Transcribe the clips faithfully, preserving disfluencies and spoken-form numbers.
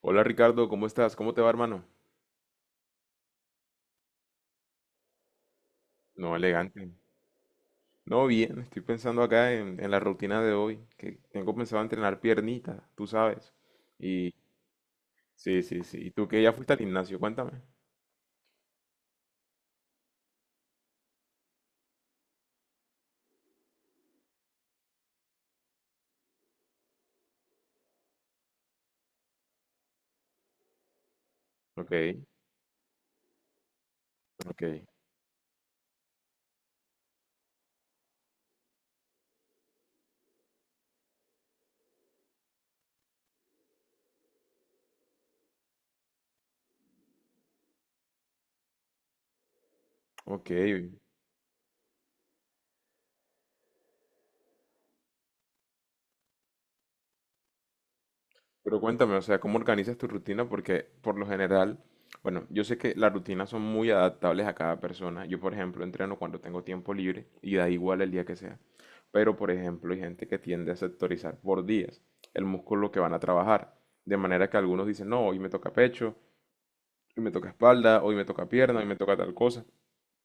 Hola Ricardo, ¿cómo estás? ¿Cómo te va, hermano? No, elegante. No, bien, estoy pensando acá en, en la rutina de hoy, que tengo pensado entrenar piernita, tú sabes. Y sí, sí, sí. ¿Y tú que ya fuiste al gimnasio? Cuéntame. Ok, ok, ok. Pero cuéntame, o sea, ¿cómo organizas tu rutina? Porque por lo general, bueno, yo sé que las rutinas son muy adaptables a cada persona. Yo, por ejemplo, entreno cuando tengo tiempo libre y da igual el día que sea. Pero, por ejemplo, hay gente que tiende a sectorizar por días el músculo que van a trabajar. De manera que algunos dicen, no, hoy me toca pecho, hoy me toca espalda, hoy me toca pierna, hoy me toca tal cosa.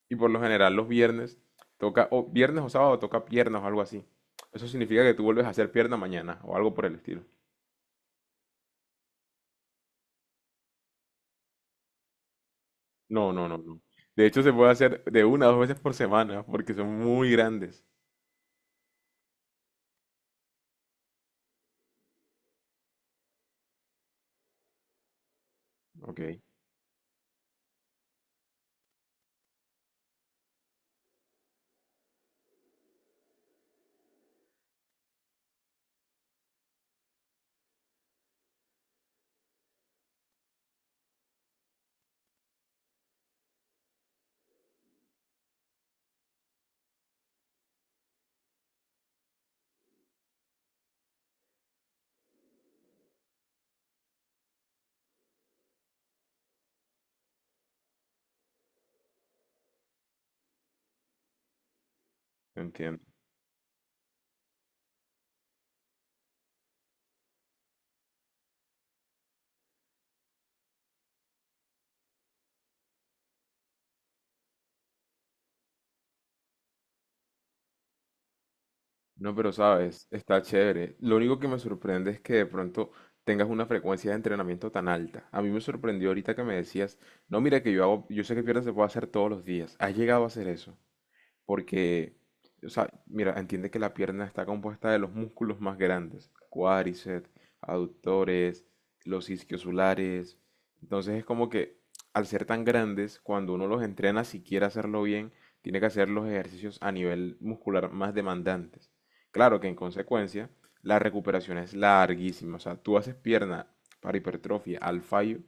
Y por lo general los viernes toca, o viernes o sábado toca piernas o algo así. Eso significa que tú vuelves a hacer pierna mañana o algo por el estilo. No, no, no, no. De hecho, se puede hacer de una a dos veces por semana porque son muy grandes. Ok, entiendo. No, pero sabes, está chévere. Lo único que me sorprende es que de pronto tengas una frecuencia de entrenamiento tan alta. A mí me sorprendió ahorita que me decías, no, mira que yo hago, yo sé que pierna se puede hacer todos los días. ¿Has llegado a hacer eso? Porque, o sea, mira, entiende que la pierna está compuesta de los músculos más grandes: cuádriceps, aductores, los isquiosulares. Entonces es como que al ser tan grandes, cuando uno los entrena, si quiere hacerlo bien, tiene que hacer los ejercicios a nivel muscular más demandantes. Claro que, en consecuencia, la recuperación es larguísima. O sea, tú haces pierna para hipertrofia al fallo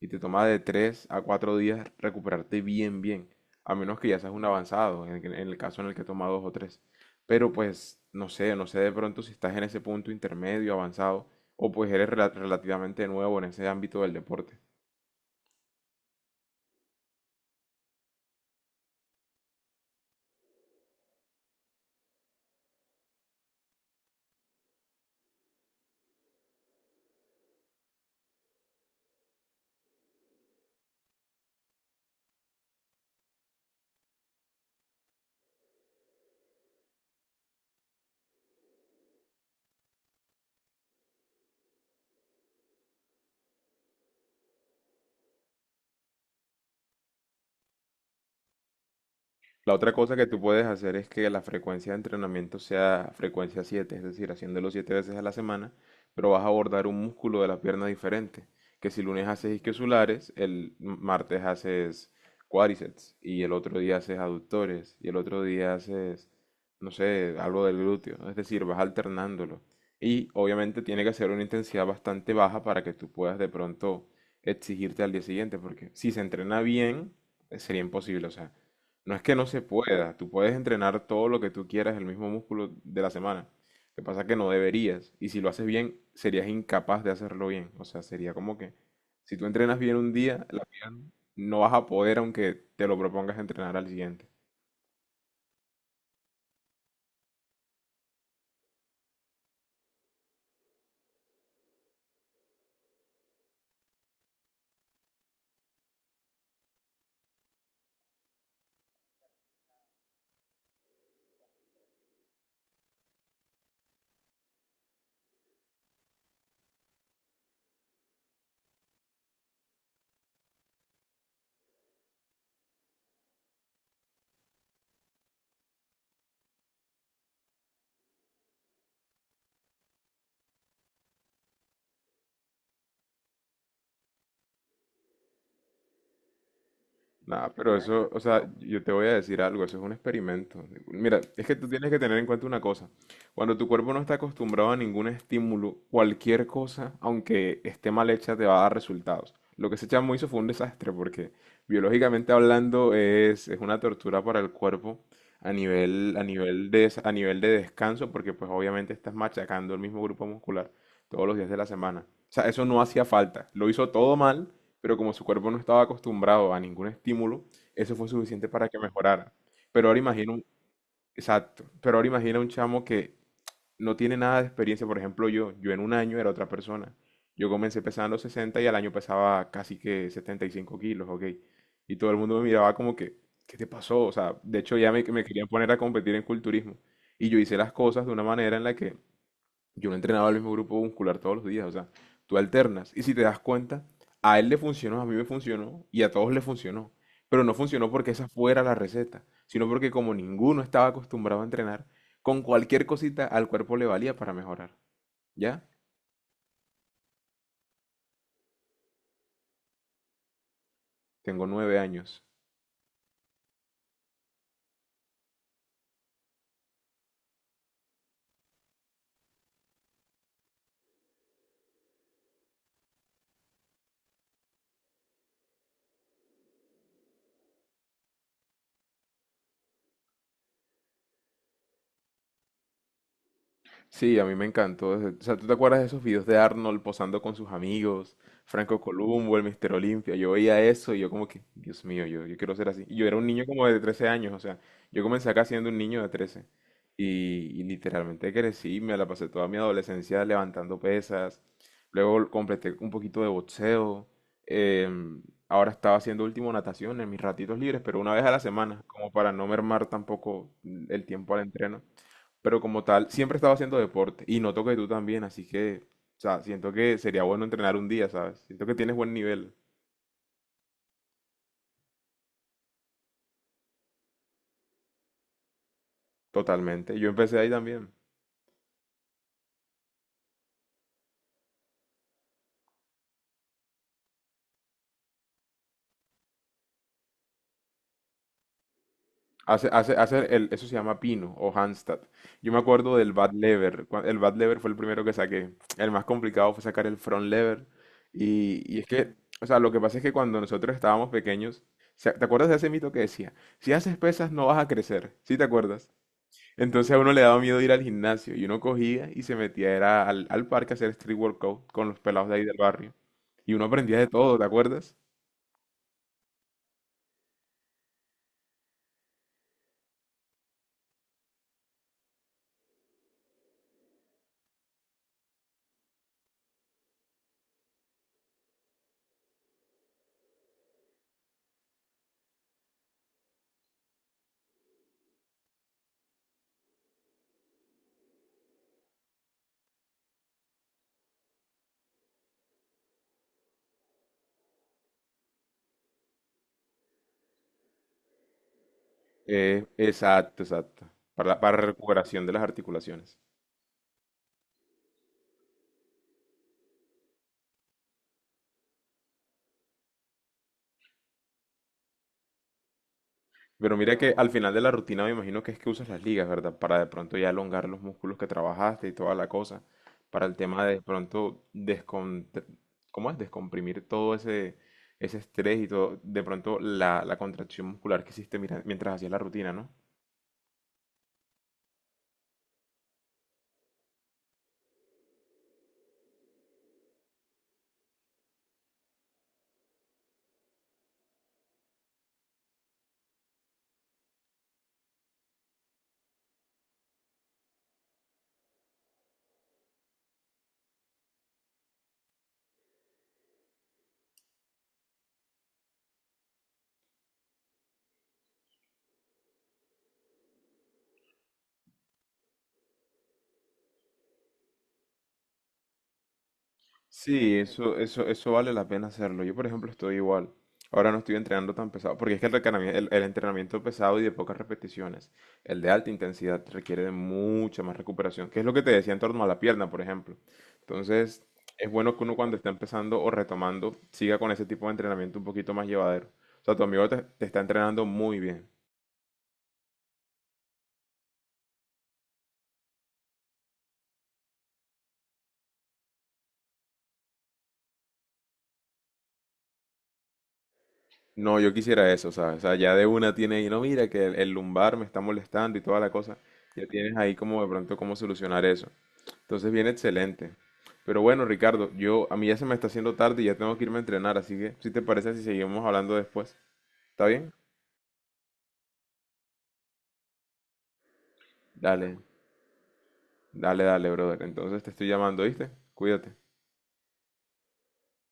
y te toma de tres a cuatro días recuperarte bien, bien, a menos que ya seas un avanzado, en, en el caso en el que toma dos o tres. Pero pues, no sé, no sé de pronto si estás en ese punto intermedio, avanzado, o pues eres rela- relativamente nuevo en ese ámbito del deporte. La otra cosa que tú puedes hacer es que la frecuencia de entrenamiento sea frecuencia siete, es decir, haciéndolo siete veces a la semana, pero vas a abordar un músculo de la pierna diferente, que si lunes haces isquiosulares, el martes haces cuádriceps y el otro día haces aductores y el otro día haces, no sé, algo del glúteo, ¿no? Es decir, vas alternándolo. Y obviamente tiene que ser una intensidad bastante baja para que tú puedas de pronto exigirte al día siguiente, porque si se entrena bien, eh, sería imposible, o sea. No es que no se pueda, tú puedes entrenar todo lo que tú quieras, el mismo músculo de la semana. Lo que pasa es que no deberías, y si lo haces bien, serías incapaz de hacerlo bien. O sea, sería como que si tú entrenas bien un día, la- no vas a poder, aunque te lo propongas, entrenar al siguiente. Nah, pero eso, o sea, yo te voy a decir algo, eso es un experimento. Mira, es que tú tienes que tener en cuenta una cosa. Cuando tu cuerpo no está acostumbrado a ningún estímulo, cualquier cosa, aunque esté mal hecha, te va a dar resultados. Lo que ese chamo hizo fue un desastre porque, biológicamente hablando, es, es una tortura para el cuerpo a nivel, a nivel de, des- a nivel de descanso, porque pues obviamente estás machacando el mismo grupo muscular todos los días de la semana. O sea, eso no hacía falta. Lo hizo todo mal, pero como su cuerpo no estaba acostumbrado a ningún estímulo, eso fue suficiente para que mejorara. Pero ahora imagino un, exacto, pero ahora imagina un chamo que no tiene nada de experiencia, por ejemplo yo, yo, en un año era otra persona. Yo comencé pesando sesenta y al año pesaba casi que setenta y cinco kilos, ok. Y todo el mundo me miraba como que, ¿qué te pasó? O sea, de hecho ya me, me querían poner a competir en culturismo. Y yo hice las cosas de una manera en la que yo no entrenaba el mismo grupo muscular todos los días, o sea, tú alternas. Y si te das cuenta, a él le funcionó, a mí me funcionó y a todos le funcionó. Pero no funcionó porque esa fuera la receta, sino porque como ninguno estaba acostumbrado a entrenar, con cualquier cosita al cuerpo le valía para mejorar. ¿Ya? Tengo nueve años. Sí, a mí me encantó. ese- O sea, ¿tú te acuerdas de esos videos de Arnold posando con sus amigos? Franco Columbo, el Mister Olimpia. Yo veía eso y yo como que, Dios mío, yo, yo quiero ser así. Y yo era un niño como de trece años, o sea, yo comencé acá siendo un niño de trece. Y, y literalmente crecí, me la pasé toda mi adolescencia levantando pesas. Luego completé un poquito de boxeo. em, Ahora estaba haciendo último natación en mis ratitos libres, pero una vez a la semana, como para no mermar tampoco el tiempo al entreno. Pero como tal, siempre he estado haciendo deporte y noto que tú también, así que, o sea, siento que sería bueno entrenar un día, ¿sabes? Siento que tienes buen nivel, totalmente. Yo empecé ahí también. Hace, hace, hace el, eso se llama pino o handstand. Yo me acuerdo del bad lever. cua- El bad lever fue el primero que saqué. El más complicado fue sacar el front lever. Y, y es que, o sea, lo que pasa es que cuando nosotros estábamos pequeños. Se- ¿te acuerdas de ese mito que decía? Si haces pesas no vas a crecer. ¿Sí te acuerdas? Entonces a uno le daba miedo ir al gimnasio y uno cogía y se metía era al, al parque a hacer street workout con los pelados de ahí del barrio. Y uno aprendía de todo, ¿te acuerdas? Eh, exacto, exacto. Para, la- para recuperación de las articulaciones. Pero mira que al final de la rutina me imagino que es que usas las ligas, ¿verdad? Para de pronto ya elongar los músculos que trabajaste y toda la cosa. Para el tema de de pronto descontr- ¿cómo es? Descomprimir todo ese, ese estrés y todo, de pronto la, la contracción muscular que hiciste mira- mientras hacías la rutina, ¿no? Sí, eso, eso, eso vale la pena hacerlo. Yo, por ejemplo, estoy igual. Ahora no estoy entrenando tan pesado, porque es que el, recanami- el- el entrenamiento pesado y de pocas repeticiones, el de alta intensidad, requiere de mucha más recuperación, que es lo que te decía en torno a la pierna, por ejemplo. Entonces, es bueno que uno, cuando está empezando o retomando, siga con ese tipo de entrenamiento un poquito más llevadero. O sea, tu amigo te, te está entrenando muy bien. No, yo quisiera eso, ¿sabes? O sea, ya de una tiene ahí, no, mira que el, el lumbar me está molestando y toda la cosa. Ya tienes ahí como de pronto cómo solucionar eso. Entonces viene excelente. Pero bueno, Ricardo, yo a mí ya se me está haciendo tarde y ya tengo que irme a entrenar, así que si te parece si seguimos hablando después, ¿está bien? Dale, dale, dale, brother. Entonces te estoy llamando, ¿viste? Cuídate.